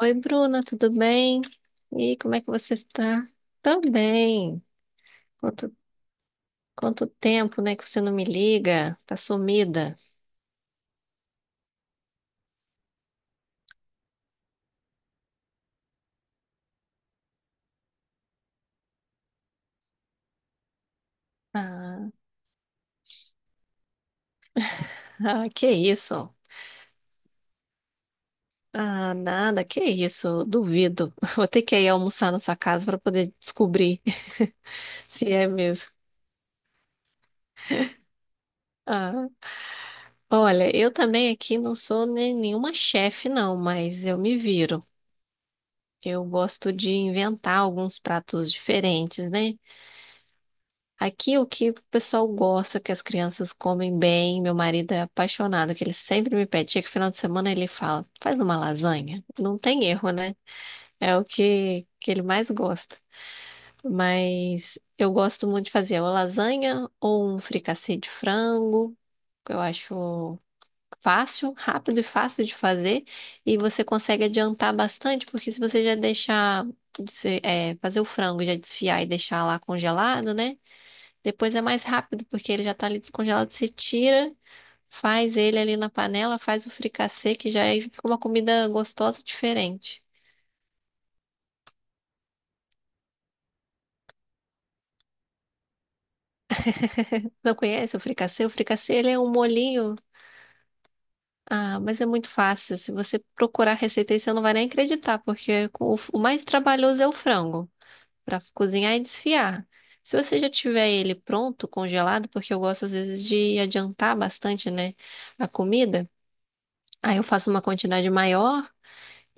Oi, Bruna, tudo bem? E aí, como é que você está? Também. Quanto, quanto tempo, né, que você não me liga? Tá sumida. Ah, ah, que isso? Ah, nada, que isso? Duvido. Vou ter que ir almoçar na sua casa para poder descobrir se é mesmo. Ah, olha, eu também aqui não sou nem nenhuma chefe, não, mas eu me viro. Eu gosto de inventar alguns pratos diferentes, né? Aqui o que o pessoal gosta, que as crianças comem bem, meu marido é apaixonado, que ele sempre me pede, chega final de semana ele fala, faz uma lasanha. Não tem erro, né? É o que ele mais gosta. Mas eu gosto muito de fazer uma lasanha ou um fricassê de frango, que eu acho fácil, rápido e fácil de fazer, e você consegue adiantar bastante, porque se você já deixar, fazer o frango, e já desfiar e deixar lá congelado, né? Depois é mais rápido, porque ele já tá ali descongelado. Você tira, faz ele ali na panela, faz o fricassê, fica uma comida gostosa diferente. Não conhece o fricassê? O fricassê, ele é um molinho. Ah, mas é muito fácil. Se você procurar a receita aí, você não vai nem acreditar, porque o mais trabalhoso é o frango, para cozinhar e desfiar. Se você já tiver ele pronto, congelado, porque eu gosto às vezes de adiantar bastante, né, a comida, aí eu faço uma quantidade maior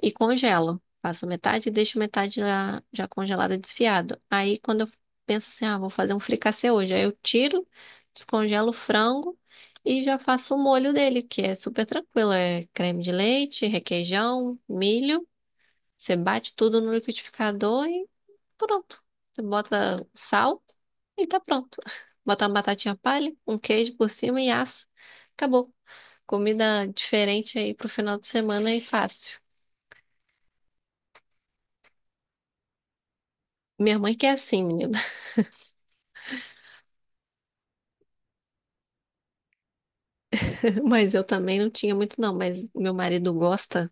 e congelo. Faço metade e deixo metade já congelada, desfiado. Aí quando eu penso assim, ah, vou fazer um fricassê hoje, aí eu tiro, descongelo o frango e já faço o molho dele, que é super tranquilo. É creme de leite, requeijão, milho. Você bate tudo no liquidificador e pronto. Você bota sal e tá pronto. Bota uma batatinha palha, um queijo por cima e assa. Acabou. Comida diferente aí pro final de semana e fácil. Minha mãe que é assim, menina. Mas eu também não tinha muito, não. Mas meu marido gosta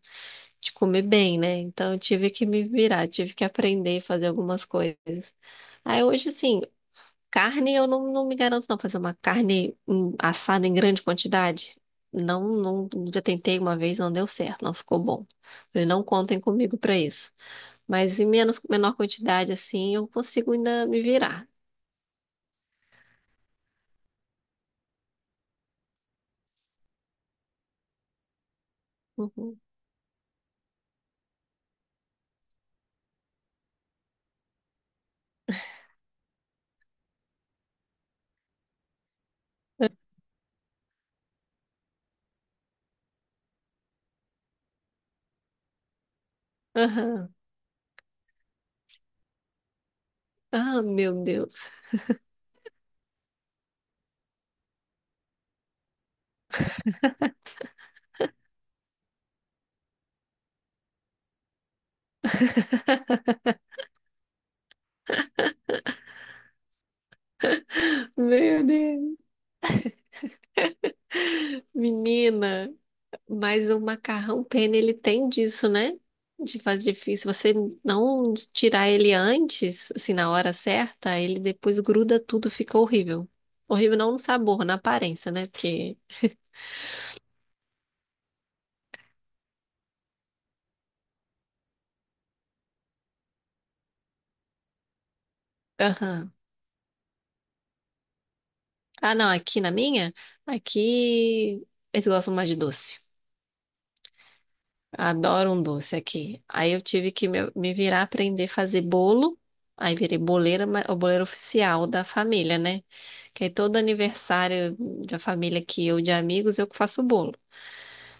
de comer bem, né? Então eu tive que me virar, tive que aprender a fazer algumas coisas. Aí hoje, assim, carne eu não me garanto, não. Fazer uma carne assada em grande quantidade. Não, não, já tentei uma vez, não deu certo, não ficou bom. Falei, não contem comigo pra isso. Mas em menor quantidade, assim, eu consigo ainda me virar. Uhum. Aham. Ah, meu Deus. Meu Deus. Menina. Mas o macarrão penne, ele tem disso, né? De fazer difícil. Se você não tirar ele antes, assim, na hora certa, ele depois gruda tudo, fica horrível. Horrível não no sabor, na aparência, né? Porque. Aham. Ah, não, aqui na minha, aqui eles gostam mais de doce. Adoro um doce aqui. Aí eu tive que me virar aprender a fazer bolo. Aí virei boleira, o boleiro oficial da família, né? Que aí todo aniversário da família aqui ou de amigos, eu que faço bolo.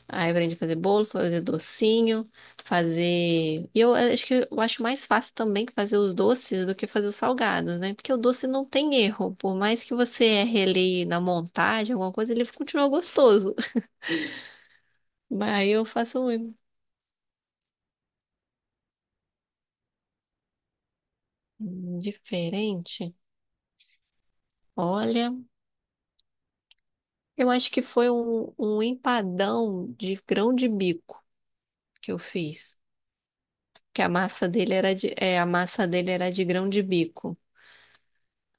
Aí eu aprendi a fazer bolo, fazer docinho, fazer. E eu acho que eu acho mais fácil também que fazer os doces do que fazer os salgados, né? Porque o doce não tem erro. Por mais que você erre ali na montagem, alguma coisa, ele continua gostoso. Mas aí eu faço um diferente. Olha, eu acho que foi um empadão de grão de bico que eu fiz. Que a massa dele era a massa dele era de grão de bico.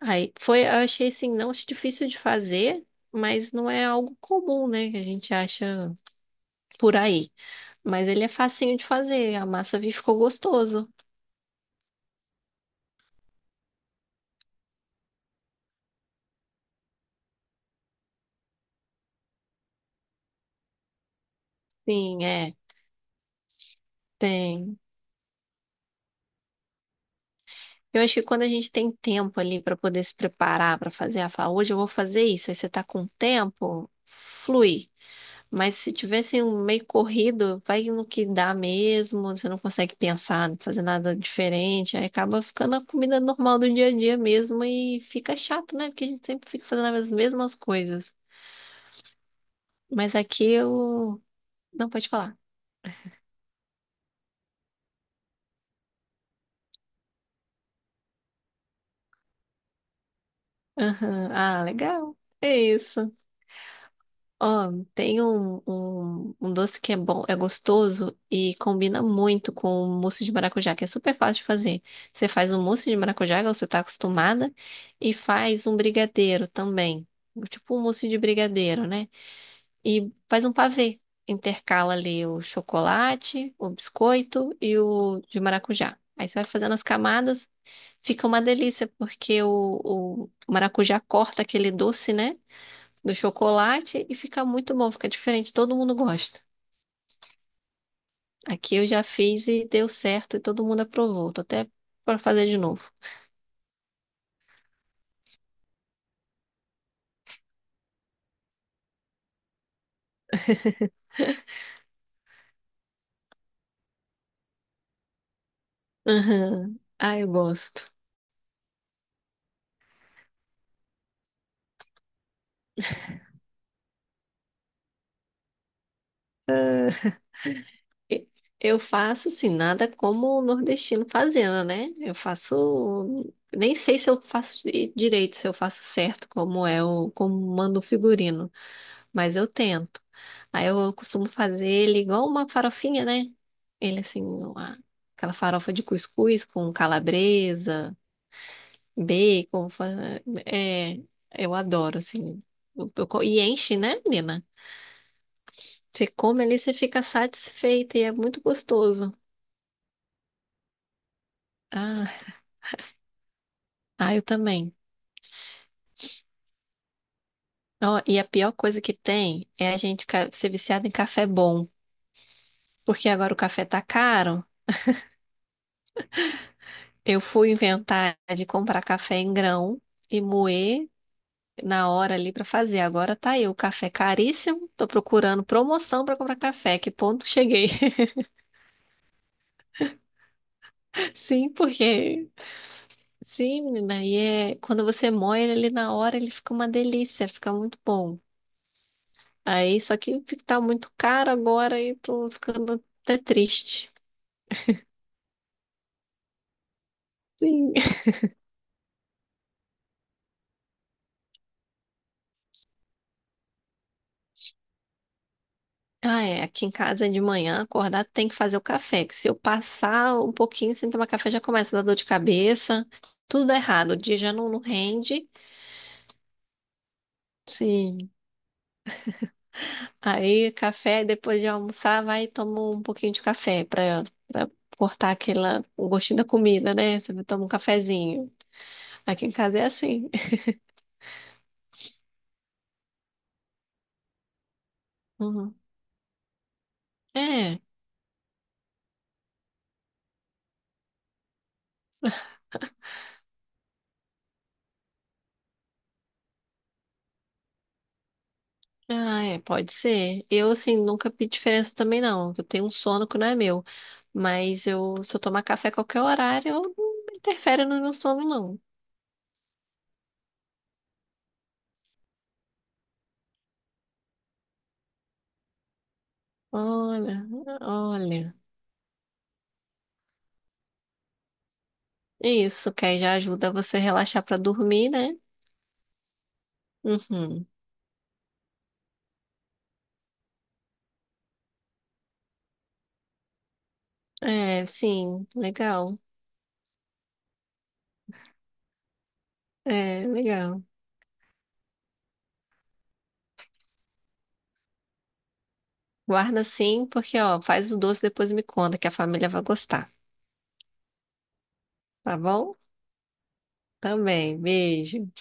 Aí foi, eu achei assim, não achei difícil de fazer, mas não é algo comum, né? Que a gente acha por aí. Mas ele é facinho de fazer, ficou gostoso. Sim, é, tem. Eu acho que quando a gente tem tempo ali para poder se preparar para fazer, a falar, hoje eu vou fazer isso, aí você tá com tempo, flui. Mas se tivesse um meio corrido, vai no que dá mesmo, você não consegue pensar, não fazer nada diferente, aí acaba ficando a comida normal do dia a dia mesmo e fica chato, né? Porque a gente sempre fica fazendo as mesmas coisas. Mas aqui eu. Não, pode falar. Aham. Ah, legal. É isso. Ó, tem um doce que é bom, é gostoso e combina muito com o mousse de maracujá, que é super fácil de fazer. Você faz um mousse de maracujá, igual você tá acostumada, e faz um brigadeiro também. Tipo um mousse de brigadeiro, né? E faz um pavê. Intercala ali o chocolate, o biscoito e o de maracujá. Aí você vai fazendo as camadas, fica uma delícia, porque o maracujá corta aquele doce, né? Do chocolate e fica muito bom, fica diferente, todo mundo gosta. Aqui eu já fiz e deu certo e todo mundo aprovou. Tô até para fazer de novo. Aham. Ah, eu gosto. E- Eu faço assim, nada como o nordestino fazendo, né? Eu faço, nem sei se eu faço direito, se eu faço certo como é o como manda o figurino, mas eu tento. Aí eu costumo fazer ele igual uma farofinha, né? Ele assim, uma- aquela farofa de cuscuz com calabresa, bacon, é, eu adoro, assim. E enche, né, menina? Você come ali, você fica satisfeita e é muito gostoso. Ah, ah, eu também. Ó, e a pior coisa que tem é a gente ser viciado em café bom. Porque agora o café tá caro. Eu fui inventar de comprar café em grão e moer na hora ali pra fazer. Agora tá aí o café caríssimo. Tô procurando promoção pra comprar café. Que ponto cheguei? Sim, porque sim, menina, aí é, quando você moe ele ali na hora, ele fica uma delícia, fica muito bom. Aí, só que tá muito caro agora e tô ficando até triste. Sim. Ah, é, aqui em casa de manhã, acordar tem que fazer o café, que se eu passar um pouquinho sem tomar café já começa a dar dor de cabeça, tudo dá errado, o dia já não rende. Sim. Aí, café, depois de almoçar, vai e toma um pouquinho de café pra cortar aquela, o gostinho da comida, né? Você toma um cafezinho. Aqui em casa é assim. Uhum. É, ah, é, pode ser. Eu, assim, nunca vi diferença também, não. Eu tenho um sono que não é meu. Mas eu, se eu tomar café a qualquer horário, eu não interfere no meu sono, não. Olha, olha. Isso, que aí já ajuda você a relaxar pra dormir, né? Uhum. É, sim, legal. É, legal. Guarda sim, porque, ó, faz o doce e depois me conta que a família vai gostar, tá bom? Também, beijo.